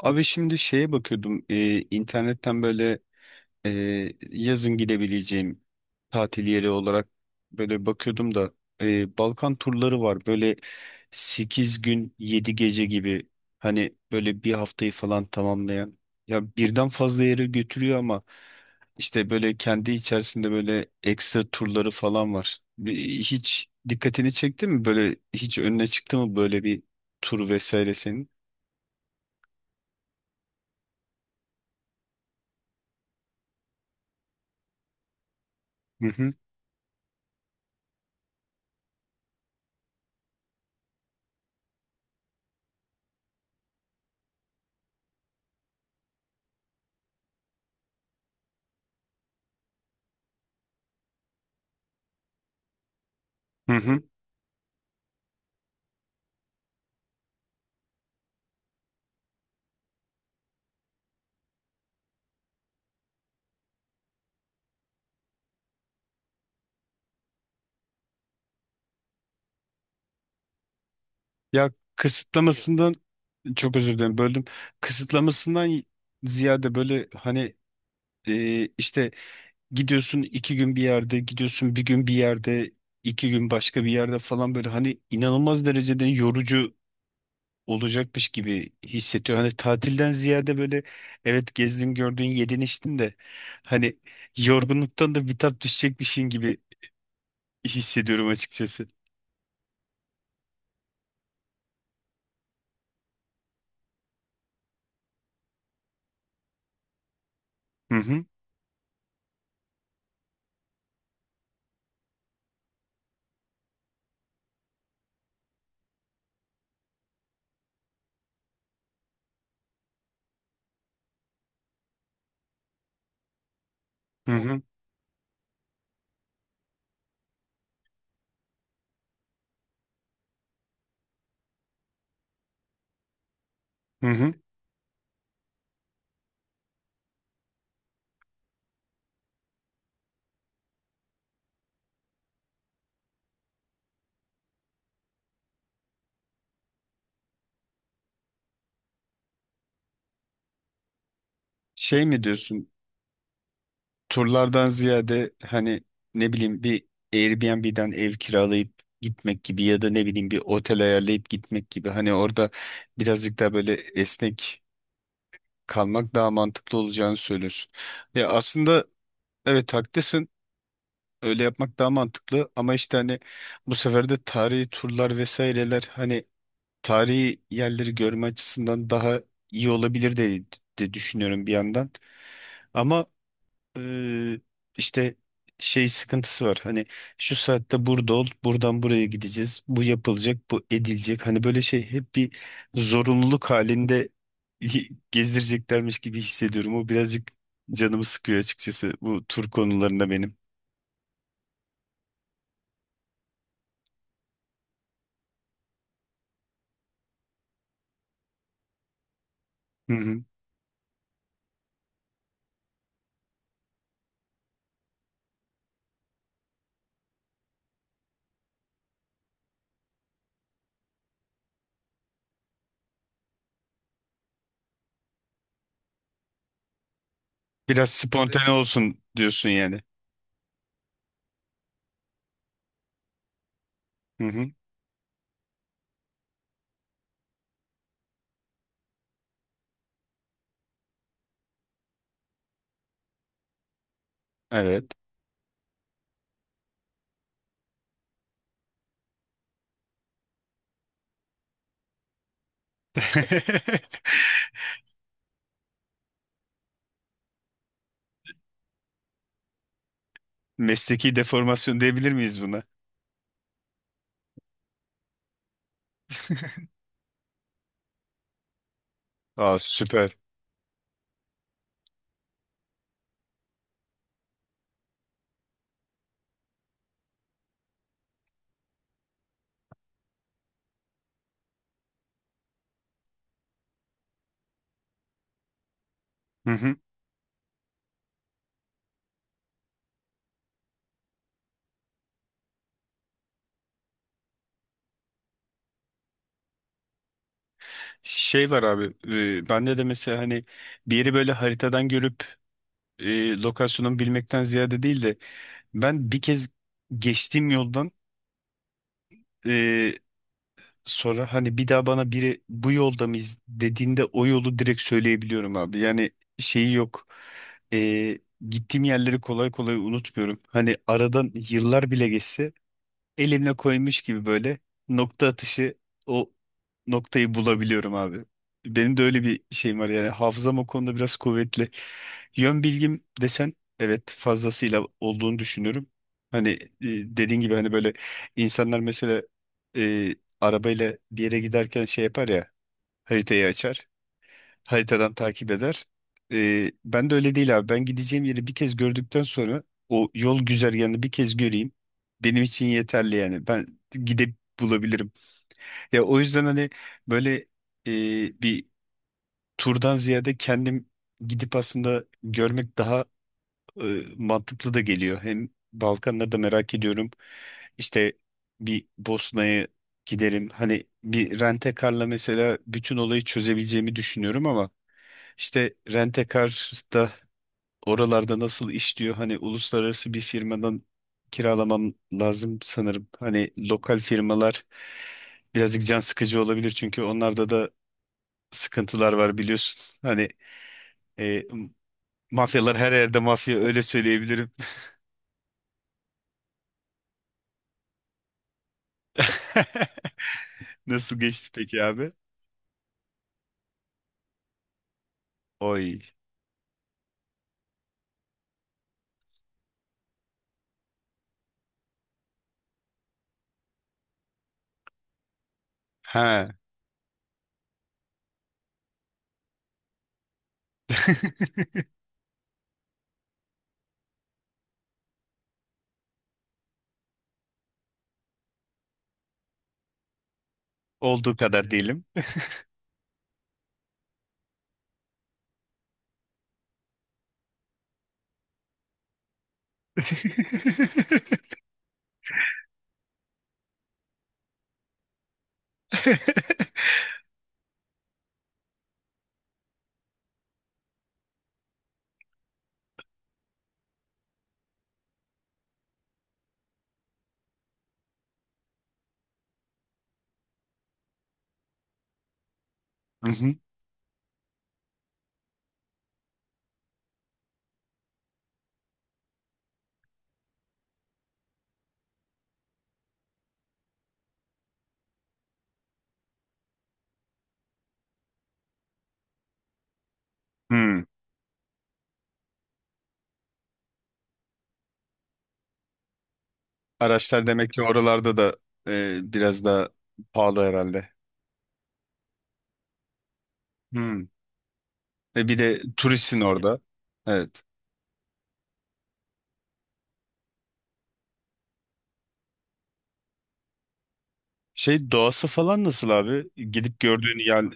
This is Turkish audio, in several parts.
Abi şimdi şeye bakıyordum internetten böyle e, yazın gidebileceğim tatil yeri olarak böyle bakıyordum da Balkan turları var böyle 8 gün 7 gece gibi hani böyle bir haftayı falan tamamlayan, ya birden fazla yere götürüyor ama işte böyle kendi içerisinde böyle ekstra turları falan var. Hiç dikkatini çekti mi, böyle hiç önüne çıktı mı böyle bir tur vesaire senin? Hı hı. Hı hı. Ya kısıtlamasından, çok özür dilerim böldüm. Kısıtlamasından ziyade böyle hani işte gidiyorsun iki gün bir yerde, gidiyorsun bir gün bir yerde, iki gün başka bir yerde falan, böyle hani inanılmaz derecede yorucu olacakmış gibi hissediyor. Hani tatilden ziyade böyle evet gezdin gördün yedin içtin de hani yorgunluktan da bitap düşecekmişin gibi hissediyorum açıkçası. Hı hı hı hı. Hı hı. Şey mi diyorsun? Turlardan ziyade hani, ne bileyim, bir Airbnb'den ev kiralayıp gitmek gibi ya da ne bileyim bir otel ayarlayıp gitmek gibi, hani orada birazcık daha böyle esnek kalmak daha mantıklı olacağını söylüyorsun. Ya aslında evet haklısın. Öyle yapmak daha mantıklı ama işte hani bu sefer de tarihi turlar vesaireler hani tarihi yerleri görme açısından daha iyi olabilir de, de düşünüyorum bir yandan. Ama ee, işte şey sıkıntısı var. Hani şu saatte burada ol, buradan buraya gideceğiz. Bu yapılacak, bu edilecek. Hani böyle şey, hep bir zorunluluk halinde gezdireceklermiş gibi hissediyorum. O birazcık canımı sıkıyor açıkçası bu tur konularında benim. Hı hı. Biraz spontane olsun diyorsun yani. Hı hı. Evet. Mesleki deformasyon diyebilir miyiz buna? Aa süper. Şey var abi, bende de mesela hani bir yeri böyle haritadan görüp lokasyonunu bilmekten ziyade değil de, ben bir kez geçtiğim yoldan e, sonra hani bir daha bana biri bu yolda mıyız dediğinde o yolu direkt söyleyebiliyorum abi. Yani şeyi yok. E, Gittiğim yerleri kolay kolay unutmuyorum. Hani aradan yıllar bile geçse elimle koymuş gibi böyle nokta atışı o noktayı bulabiliyorum abi. Benim de öyle bir şeyim var yani, hafızam o konuda biraz kuvvetli. Yön bilgim desen evet fazlasıyla olduğunu düşünüyorum. Hani dediğin gibi hani böyle insanlar mesela e, arabayla bir yere giderken şey yapar ya, haritayı açar, haritadan takip eder. Ben de öyle değil abi. Ben gideceğim yeri bir kez gördükten sonra o yol güzergahını bir kez göreyim. Benim için yeterli yani. Ben gidip bulabilirim. Ya o yüzden hani böyle, bir turdan ziyade kendim gidip aslında görmek daha mantıklı da geliyor. Hem Balkanları da merak ediyorum. İşte bir Bosna'ya giderim. Hani bir rent mesela bütün olayı çözebileceğimi düşünüyorum ama işte Rentekar'da oralarda nasıl işliyor? Hani uluslararası bir firmadan kiralamam lazım sanırım. Hani lokal firmalar birazcık can sıkıcı olabilir çünkü onlarda da sıkıntılar var biliyorsun. Hani e, mafyalar her yerde mafya, öyle söyleyebilirim. Nasıl geçti peki abi? Oy. Ha. Olduğu kadar diyelim. Hı hı. Hmm. Araçlar demek ki oralarda da biraz daha pahalı herhalde. Hmm. E bir de turistsin orada. Evet. Şey doğası falan nasıl abi? Gidip gördüğün yer...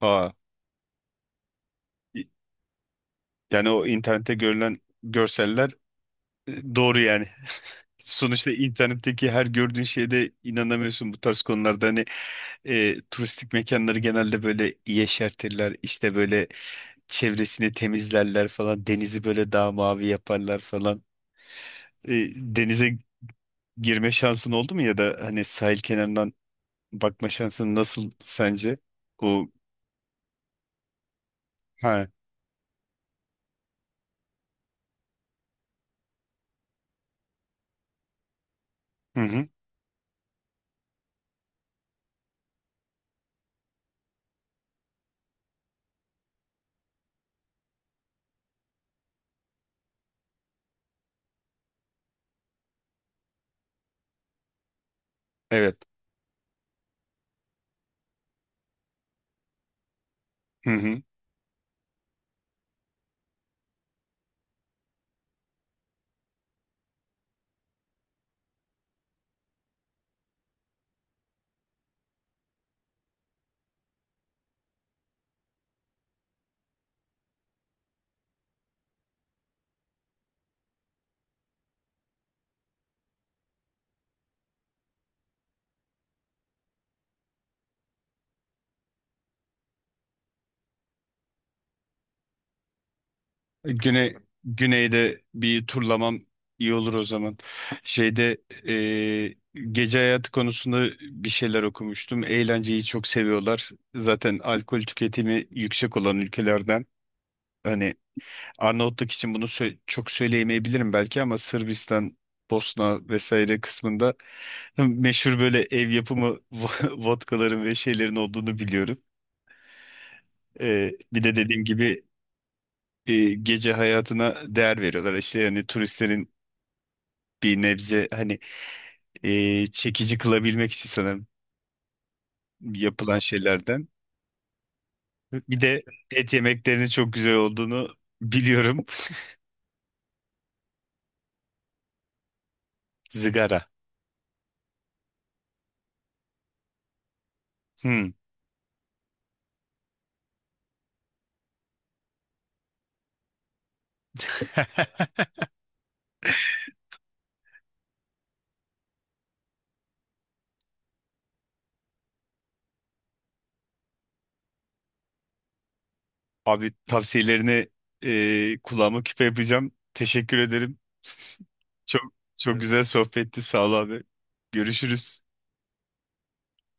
Aa, i- yani o internette görülen görseller doğru yani. Sonuçta internetteki her gördüğün şeyde inanamıyorsun bu tarz konularda. Hani turistik mekanları genelde böyle yeşertirler. İşte böyle çevresini temizlerler falan. Denizi böyle daha mavi yaparlar falan. E, denize girme şansın oldu mu ya da hani sahil kenarından bakma şansın nasıl sence? O, ha, hı hı, evet, hı hı. Güney, güneyde bir turlamam iyi olur o zaman. Şeyde, e, gece hayatı konusunda bir şeyler okumuştum. Eğlenceyi çok seviyorlar. Zaten alkol tüketimi yüksek olan ülkelerden, hani Arnavutluk için bunu çok söyleyemeyebilirim belki, ama Sırbistan, Bosna vesaire kısmında meşhur böyle ev yapımı vodkaların ve şeylerin olduğunu biliyorum. Bir de dediğim gibi, gece hayatına değer veriyorlar. İşte yani turistlerin bir nebze hani çekici kılabilmek için sanırım yapılan şeylerden. Bir de et yemeklerinin çok güzel olduğunu biliyorum. Zigara. Hmm. Abi tavsiyelerini kulağıma küpe yapacağım. Teşekkür ederim. Çok çok. Evet. Güzel sohbetti. Sağ ol abi. Görüşürüz.